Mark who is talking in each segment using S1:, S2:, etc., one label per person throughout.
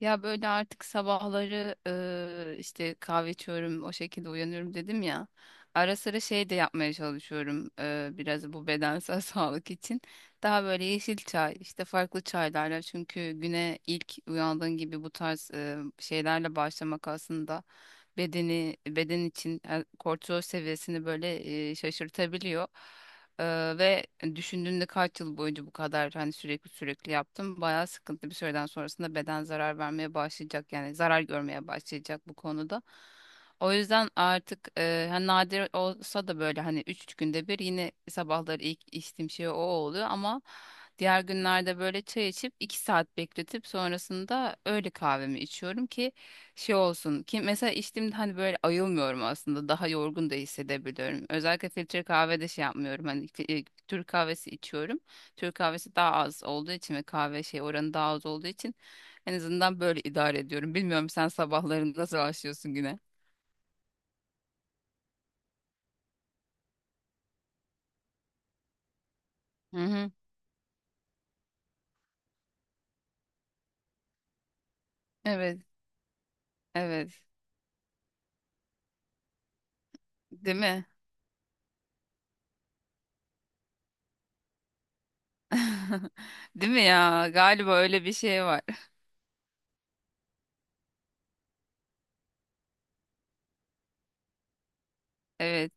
S1: Ya böyle artık sabahları işte kahve içiyorum, o şekilde uyanıyorum dedim ya. Ara sıra şey de yapmaya çalışıyorum biraz bu bedensel sağlık için. Daha böyle yeşil çay, işte farklı çaylarla çünkü güne ilk uyandığın gibi bu tarz şeylerle başlamak aslında bedeni beden için kortizol seviyesini böyle şaşırtabiliyor. Ve düşündüğünde kaç yıl boyunca bu kadar hani sürekli sürekli yaptım. Bayağı sıkıntı bir süreden sonrasında beden zarar vermeye başlayacak yani zarar görmeye başlayacak bu konuda. O yüzden artık hani nadir olsa da böyle hani 3 günde bir yine sabahları ilk içtiğim şey o oluyor ama diğer günlerde böyle çay içip 2 saat bekletip sonrasında öğle kahvemi içiyorum ki şey olsun ki mesela içtiğimde hani böyle ayılmıyorum aslında daha yorgun da hissedebiliyorum. Özellikle filtre kahvede şey yapmıyorum hani Türk kahvesi içiyorum. Türk kahvesi daha az olduğu için ve kahve şey oranı daha az olduğu için en azından böyle idare ediyorum. Bilmiyorum sen sabahları nasıl başlıyorsun güne? Hı hı. Evet, evet. Değil mi? Değil mi ya? Galiba öyle bir şey var. Evet.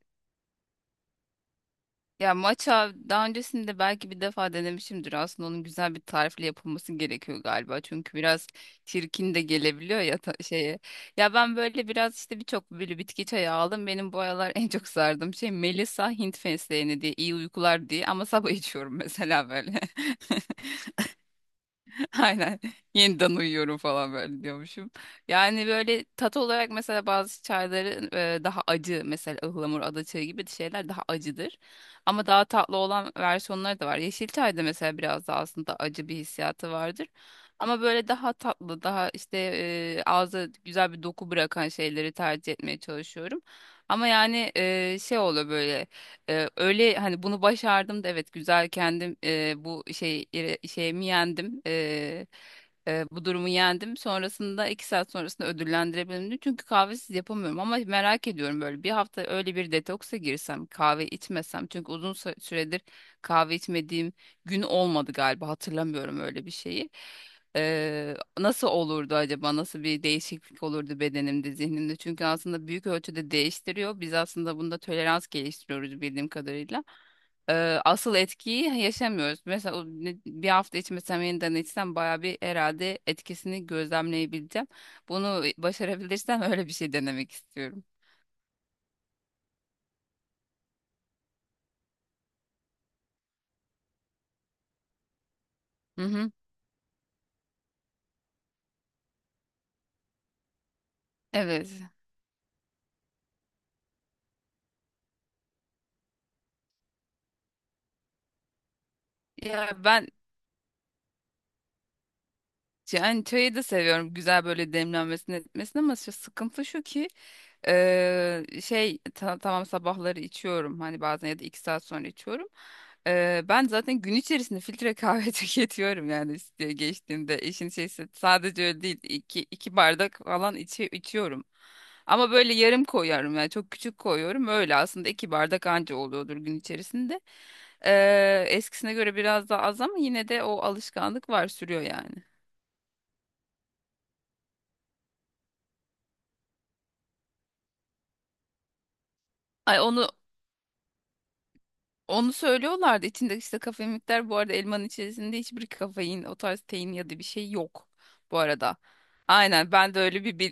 S1: Ya matcha daha öncesinde belki bir defa denemişimdir. Aslında onun güzel bir tarifle yapılması gerekiyor galiba. Çünkü biraz çirkin de gelebiliyor ya şeye. Ya ben böyle biraz işte birçok böyle bitki çayı aldım. Benim bu aralar en çok sardığım şey Melisa Hint fesleğeni diye iyi uykular diye ama sabah içiyorum mesela böyle. Aynen. Yeniden uyuyorum falan böyle diyormuşum. Yani böyle tat olarak mesela bazı çayların daha acı mesela ıhlamur, adaçayı gibi şeyler daha acıdır. Ama daha tatlı olan versiyonları da var. Yeşil çayda mesela biraz daha aslında acı bir hissiyatı vardır. Ama böyle daha tatlı, daha işte ağza güzel bir doku bırakan şeyleri tercih etmeye çalışıyorum. Ama yani şey oluyor böyle. Öyle hani bunu başardım da evet güzel kendim bu şey şeyimi yendim. Bu durumu yendim. Sonrasında iki saat sonrasında ödüllendirebilirim. Diye. Çünkü kahvesiz yapamıyorum ama merak ediyorum böyle bir hafta öyle bir detoksa girsem kahve içmesem. Çünkü uzun süredir kahve içmediğim gün olmadı galiba hatırlamıyorum öyle bir şeyi. Nasıl olurdu acaba? Nasıl bir değişiklik olurdu bedenimde, zihnimde? Çünkü aslında büyük ölçüde değiştiriyor. Biz aslında bunda tolerans geliştiriyoruz bildiğim kadarıyla. Asıl etkiyi yaşamıyoruz. Mesela o bir hafta içmesem yeniden içsem bayağı bir herhalde etkisini gözlemleyebileceğim. Bunu başarabilirsem öyle bir şey denemek istiyorum. Hı hı. Evet. Ya ben yani çayı da seviyorum. Güzel böyle demlenmesini etmesini ama şu sıkıntı şu ki şey tamam sabahları içiyorum hani bazen ya da 2 saat sonra içiyorum. Ben zaten gün içerisinde filtre kahve tüketiyorum yani işte geçtiğimde işin şeysi sadece öyle değil iki bardak falan içiyorum. Ama böyle yarım koyuyorum yani çok küçük koyuyorum öyle aslında 2 bardak anca oluyordur gün içerisinde. Eskisine göre biraz daha az ama yine de o alışkanlık var sürüyor yani. Ay onu Onu söylüyorlardı. İçinde işte kafein miktarı bu arada elmanın içerisinde hiçbir kafein, o tarz tein ya da bir şey yok bu arada. Aynen ben de öyle bir bil.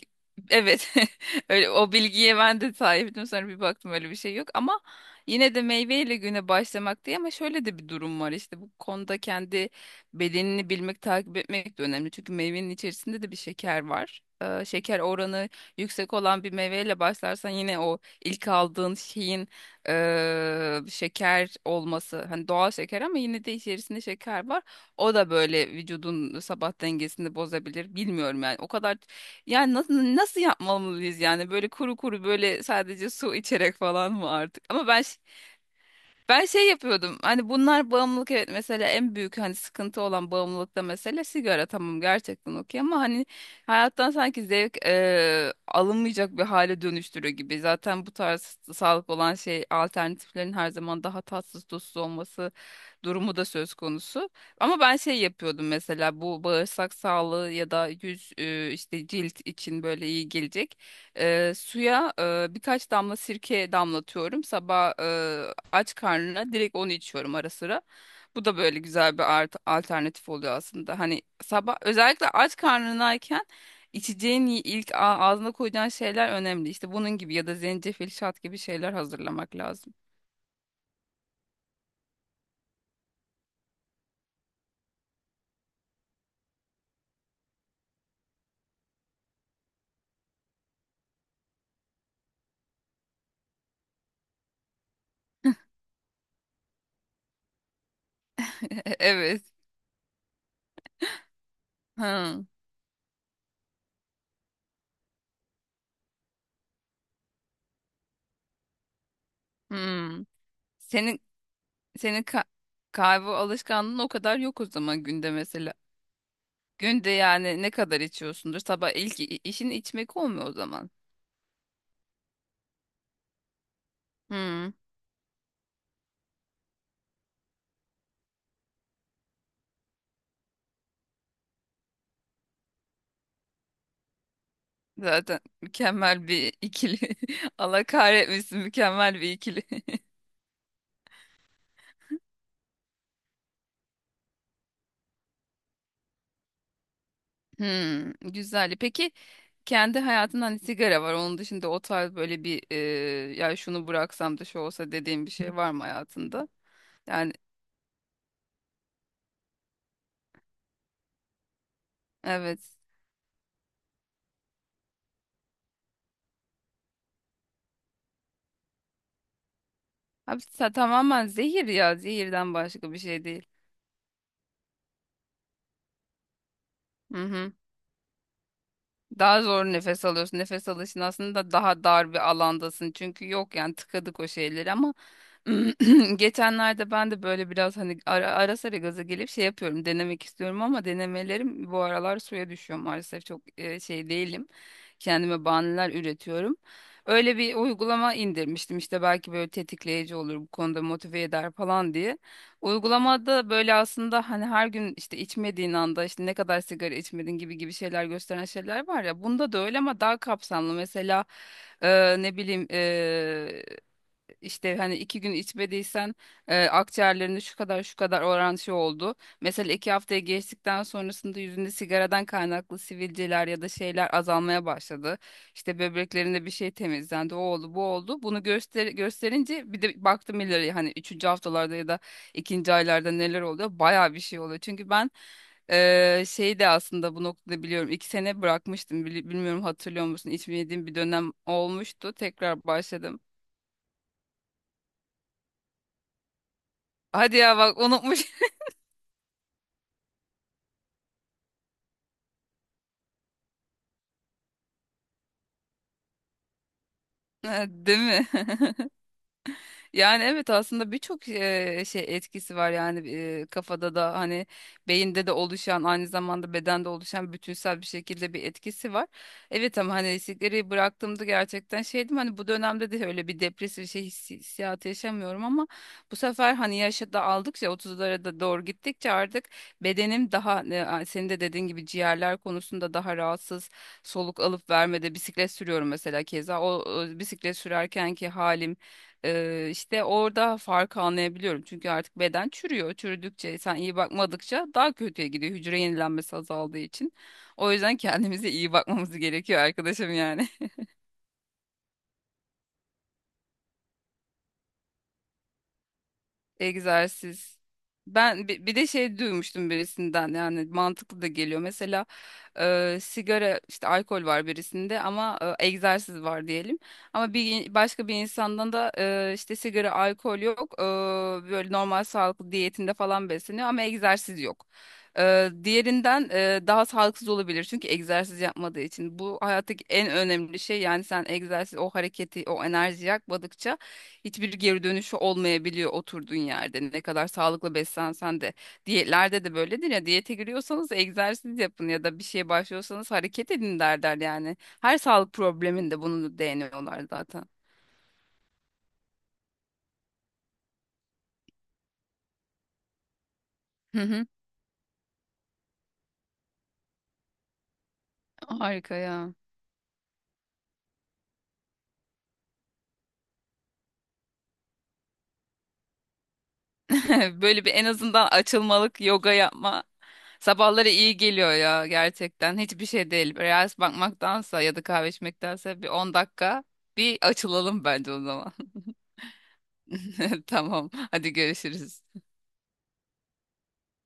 S1: Evet. Öyle o bilgiye ben de sahiptim. Sonra bir baktım öyle bir şey yok ama yine de meyveyle güne başlamak diye ama şöyle de bir durum var işte bu konuda kendi bedenini bilmek, takip etmek de önemli. Çünkü meyvenin içerisinde de bir şeker var. Şeker oranı yüksek olan bir meyveyle başlarsan yine o ilk aldığın şeyin şeker olması hani doğal şeker ama yine de içerisinde şeker var. O da böyle vücudun sabah dengesini bozabilir. Bilmiyorum yani o kadar yani nasıl yapmalıyız yani böyle kuru kuru böyle sadece su içerek falan mı artık? Ama ben şey yapıyordum hani bunlar bağımlılık evet mesela en büyük hani sıkıntı olan bağımlılıkta mesele sigara tamam gerçekten okey ama hani hayattan sanki zevk alınmayacak bir hale dönüştürüyor gibi. Zaten bu tarz sağlık olan şey alternatiflerin her zaman daha tatsız tuzsuz olması durumu da söz konusu. Ama ben şey yapıyordum mesela bu bağırsak sağlığı ya da yüz işte cilt için böyle iyi gelecek. Suya birkaç damla sirke damlatıyorum. Sabah aç karnına direkt onu içiyorum ara sıra. Bu da böyle güzel bir alternatif oluyor aslında. Hani sabah özellikle aç karnınayken içeceğin ilk ağzına koyacağın şeyler önemli. İşte bunun gibi ya da zencefil şat gibi şeyler hazırlamak lazım. Evet. Hmm. Hmm. Senin senin kahve alışkanlığın o kadar yok o zaman günde mesela. Günde yani ne kadar içiyorsundur? Sabah ilk işin içmek olmuyor o zaman. Hmm. Zaten mükemmel bir ikili. Allah kahretmesin mükemmel bir ikili. Hmm, güzel. Peki kendi hayatında hani sigara var. Onun dışında o tarz böyle bir ya şunu bıraksam da şu olsa dediğim bir şey var mı hayatında? Yani evet. Abi, tamamen zehir ya. Zehirden başka bir şey değil. Mhm. Daha zor nefes alıyorsun. Nefes alışın aslında daha dar bir alandasın. Çünkü yok yani tıkadık o şeyleri ama geçenlerde ben de böyle biraz hani ara sıra gaza gelip şey yapıyorum. Denemek istiyorum ama denemelerim bu aralar suya düşüyor maalesef. Çok şey değilim. Kendime bahaneler üretiyorum. Öyle bir uygulama indirmiştim. İşte belki böyle tetikleyici olur bu konuda motive eder falan diye. Uygulamada böyle aslında hani her gün işte içmediğin anda işte ne kadar sigara içmedin gibi gibi şeyler gösteren şeyler var ya. Bunda da öyle ama daha kapsamlı. Mesela ne bileyim işte hani 2 gün içmediysen akciğerlerinde şu kadar şu kadar oran şey oldu. Mesela 2 haftaya geçtikten sonrasında yüzünde sigaradan kaynaklı sivilceler ya da şeyler azalmaya başladı. İşte böbreklerinde bir şey temizlendi. O oldu, bu oldu. Bunu gösterince bir de baktım ileri hani üçüncü haftalarda ya da ikinci aylarda neler oluyor. Bayağı bir şey oluyor. Çünkü ben şey de aslında bu noktada biliyorum. 2 sene bırakmıştım. Bilmiyorum hatırlıyor musun? İçmediğim bir dönem olmuştu. Tekrar başladım. Hadi ya bak unutmuş. Değil mi? Yani evet aslında birçok şey etkisi var yani kafada da hani beyinde de oluşan aynı zamanda bedende oluşan bütünsel bir şekilde bir etkisi var. Evet ama hani sigarayı bıraktığımda gerçekten şeydim hani bu dönemde de öyle bir depresif şey hissiyatı yaşamıyorum ama bu sefer hani yaşı da aldıkça 30'lara da doğru gittikçe artık bedenim daha senin de dediğin gibi ciğerler konusunda daha rahatsız soluk alıp vermede bisiklet sürüyorum mesela keza o bisiklet sürerkenki halim işte orada farkı anlayabiliyorum. Çünkü artık beden çürüyor. Çürüdükçe sen iyi bakmadıkça daha kötüye gidiyor. Hücre yenilenmesi azaldığı için. O yüzden kendimize iyi bakmamız gerekiyor arkadaşım yani. Egzersiz. Ben bir de şey duymuştum birisinden yani mantıklı da geliyor. Mesela sigara işte alkol var birisinde ama egzersiz var diyelim. Ama bir başka bir insandan da işte sigara alkol yok. Böyle normal sağlıklı diyetinde falan besleniyor ama egzersiz yok. Diğerinden daha sağlıksız olabilir çünkü egzersiz yapmadığı için. Bu hayattaki en önemli şey yani sen egzersiz o hareketi o enerjiyi yakmadıkça hiçbir geri dönüşü olmayabiliyor oturduğun yerde. Ne kadar sağlıklı beslensen de. Diyetlerde de böyledir ya diyete giriyorsanız egzersiz yapın ya da bir şeye başlıyorsanız hareket edin derler yani. Her sağlık probleminde bunu değiniyorlar zaten. Hı hı. Harika ya. Böyle bir en azından açılmalık yoga yapma. Sabahları iyi geliyor ya gerçekten. Hiçbir şey değil. Reels bakmaktansa ya da kahve içmektense bir 10 dakika bir açılalım bence o zaman. Tamam. Hadi görüşürüz.